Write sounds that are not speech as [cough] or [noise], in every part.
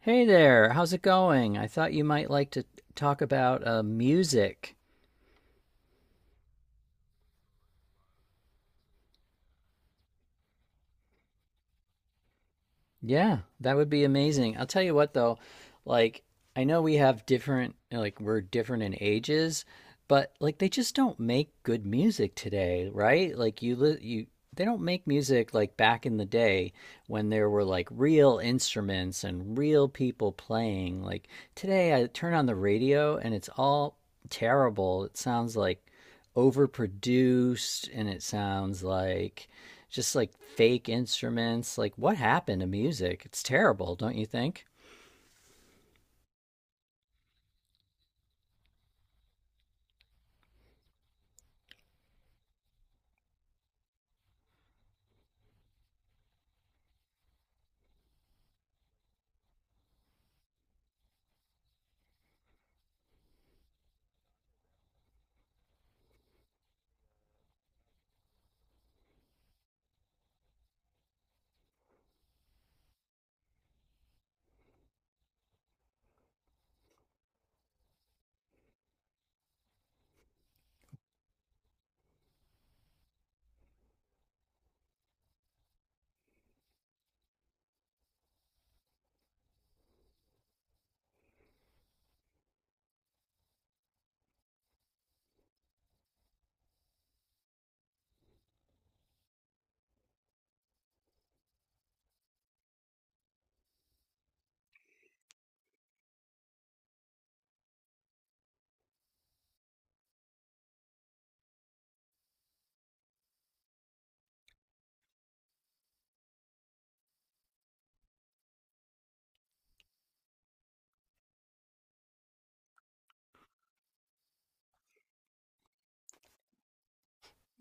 Hey there, how's it going? I thought you might like to talk about music. Yeah, that would be amazing. I'll tell you what though, like I know we have different we're different in ages, but like they just don't make good music today, right? Like you li you they don't make music like back in the day when there were like real instruments and real people playing. Like today I turn on the radio and it's all terrible. It sounds like overproduced and it sounds like just like fake instruments. Like, what happened to music? It's terrible, don't you think?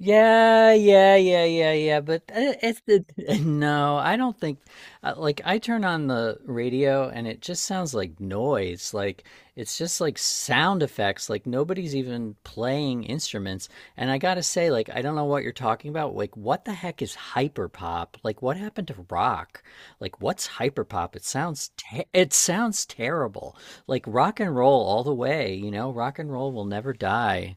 Yeah, yeah, yeah, yeah, yeah. But it's the [laughs] no, I don't think like I turn on the radio and it just sounds like noise. Like it's just like sound effects. Like nobody's even playing instruments. And I gotta say, like I don't know what you're talking about. Like what the heck is hyperpop? Like what happened to rock? Like what's hyperpop? It sounds te it sounds terrible. Like rock and roll all the way. You know, rock and roll will never die.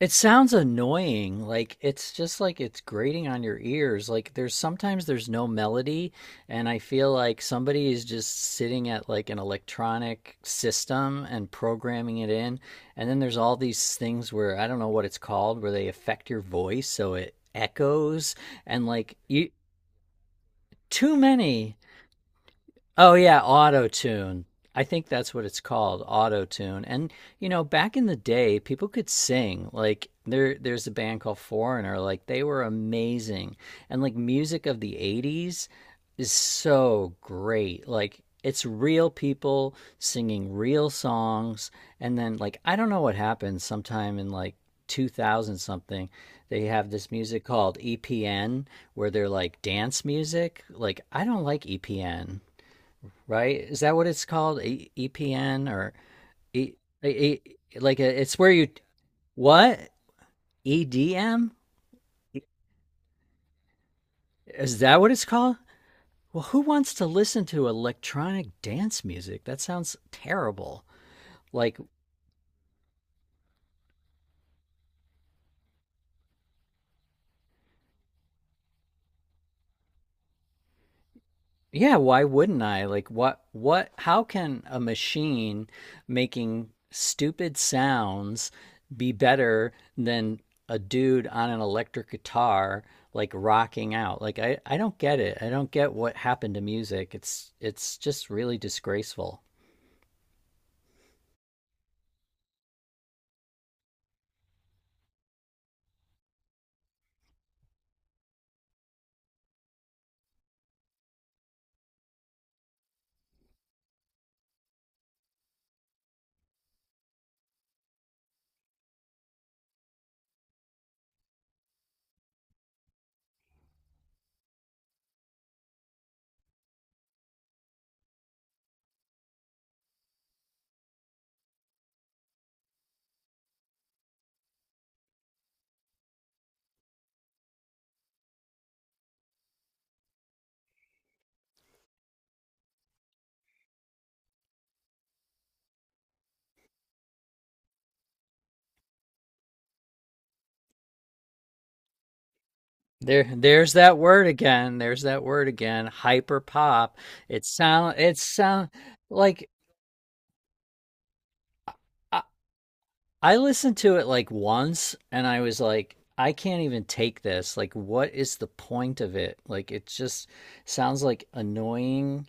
It sounds annoying. Like it's just like it's grating on your ears. Like there's sometimes there's no melody and I feel like somebody is just sitting at like an electronic system and programming it in. And then there's all these things where I don't know what it's called where they affect your voice so it echoes and like you too many. Oh yeah, auto tune. I think that's what it's called, auto tune. And you know, back in the day, people could sing. Like there's a band called Foreigner. Like they were amazing. And like music of the '80s is so great. Like it's real people singing real songs. And then like I don't know what happened. Sometime in like 2000 something, they have this music called EPN, where they're like dance music. Like I don't like EPN, right? Is that what it's called? EPN or e- e- e- like it's where you what. EDM? Is that what it's called? Well, who wants to listen to electronic dance music? That sounds terrible. Like yeah, why wouldn't I? Like what how can a machine making stupid sounds be better than a dude on an electric guitar like rocking out? Like I don't get it. I don't get what happened to music. It's just really disgraceful. There's that word again. There's that word again. Hyper pop. It sound like I I listened to it like once and I was like, I can't even take this. Like, what is the point of it? Like, it just sounds like annoying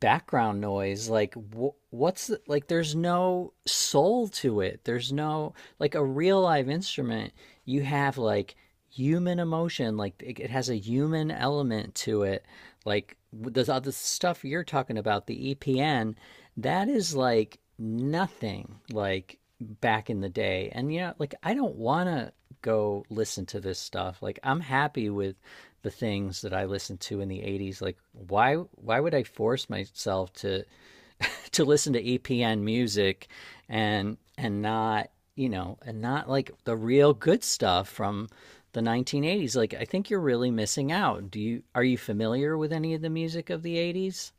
background noise. Like, what's the, like, there's no soul to it. There's no, like, a real live instrument, you have like human emotion. Like, it has a human element to it like there's all this stuff you're talking about the EPN that is like nothing like back in the day. And you know, like I don't want to go listen to this stuff. Like I'm happy with the things that I listened to in the '80s. Like why would I force myself to [laughs] to listen to EPN music and not, you know, and not like the real good stuff from the 1980s. Like I think you're really missing out. Do you Are you familiar with any of the music of the '80s?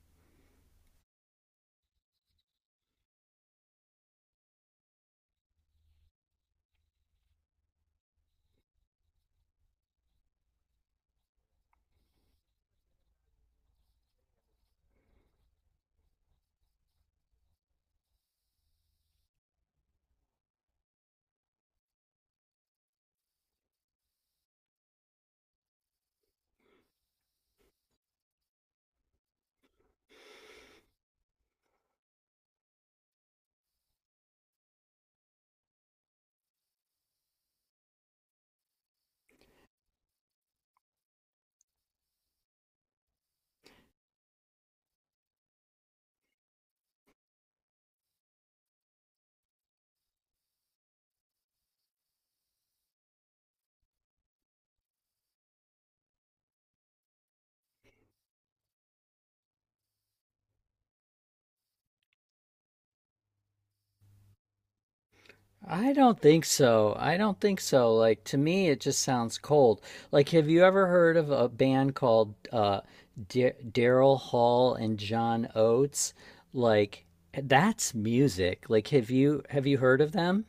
I don't think so. Like to me it just sounds cold. Like have you ever heard of a band called Daryl Hall and John Oates? Like that's music. Like have you heard of them?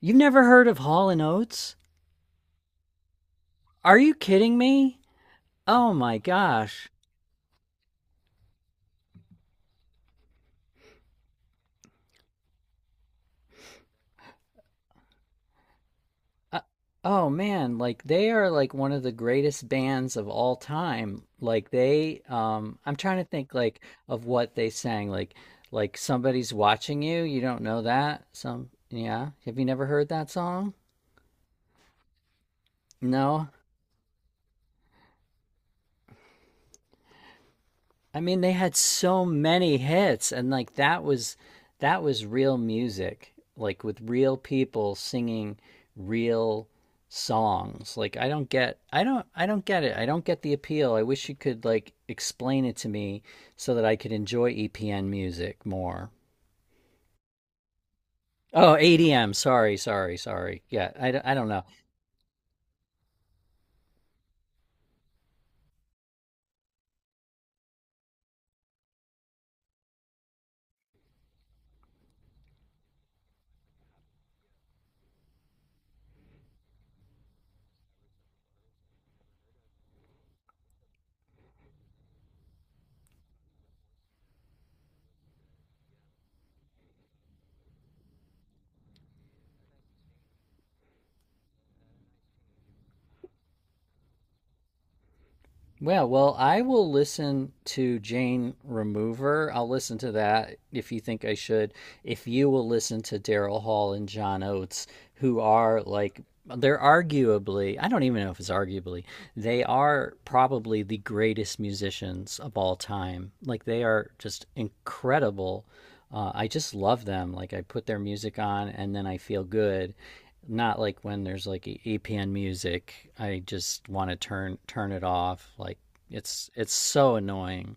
You've never heard of Hall and Oates? Are you kidding me? Oh my gosh. Uh, oh man, like they are like one of the greatest bands of all time. Like they I'm trying to think like of what they sang like somebody's watching you. You don't know that? Some yeah. Have you never heard that song? No. I mean, they had so many hits, and like that was real music, like with real people singing real songs. Like I don't get it. I don't get the appeal. I wish you could like explain it to me so that I could enjoy EPN music more. Oh, ADM. Sorry, sorry, sorry. Yeah, I don't know. Yeah, well, I will listen to Jane Remover. I'll listen to that if you think I should. If you will listen to Daryl Hall and John Oates, who are like, they're arguably, I don't even know if it's arguably, they are probably the greatest musicians of all time. Like, they are just incredible. I just love them. Like, I put their music on and then I feel good not like when there's like EPN music. I just want to turn it off. Like it's so annoying.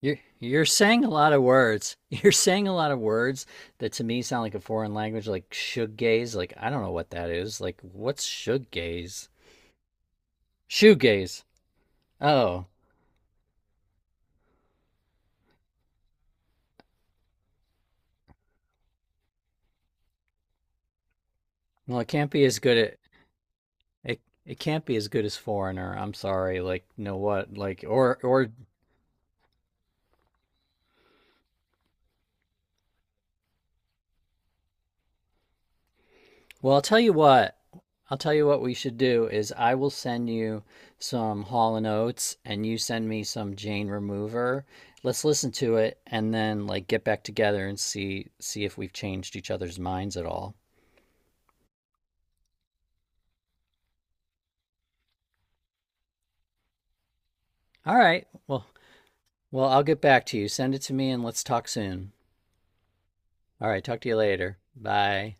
You're saying a lot of words. [laughs] You're saying a lot of words that to me sound like a foreign language, like shoegaze. Like I don't know what that is. Like what's shoegaze? Shoegaze. Oh, well, it can't be as good at it. It can't be as good as Foreigner. I'm sorry. Like, you know what? Like, or well, I'll tell you what. I'll tell you what we should do is I will send you some Hall and Oates and you send me some Jane Remover. Let's listen to it and then like get back together and see if we've changed each other's minds at all. All right. Well, I'll get back to you. Send it to me and let's talk soon. All right, talk to you later. Bye.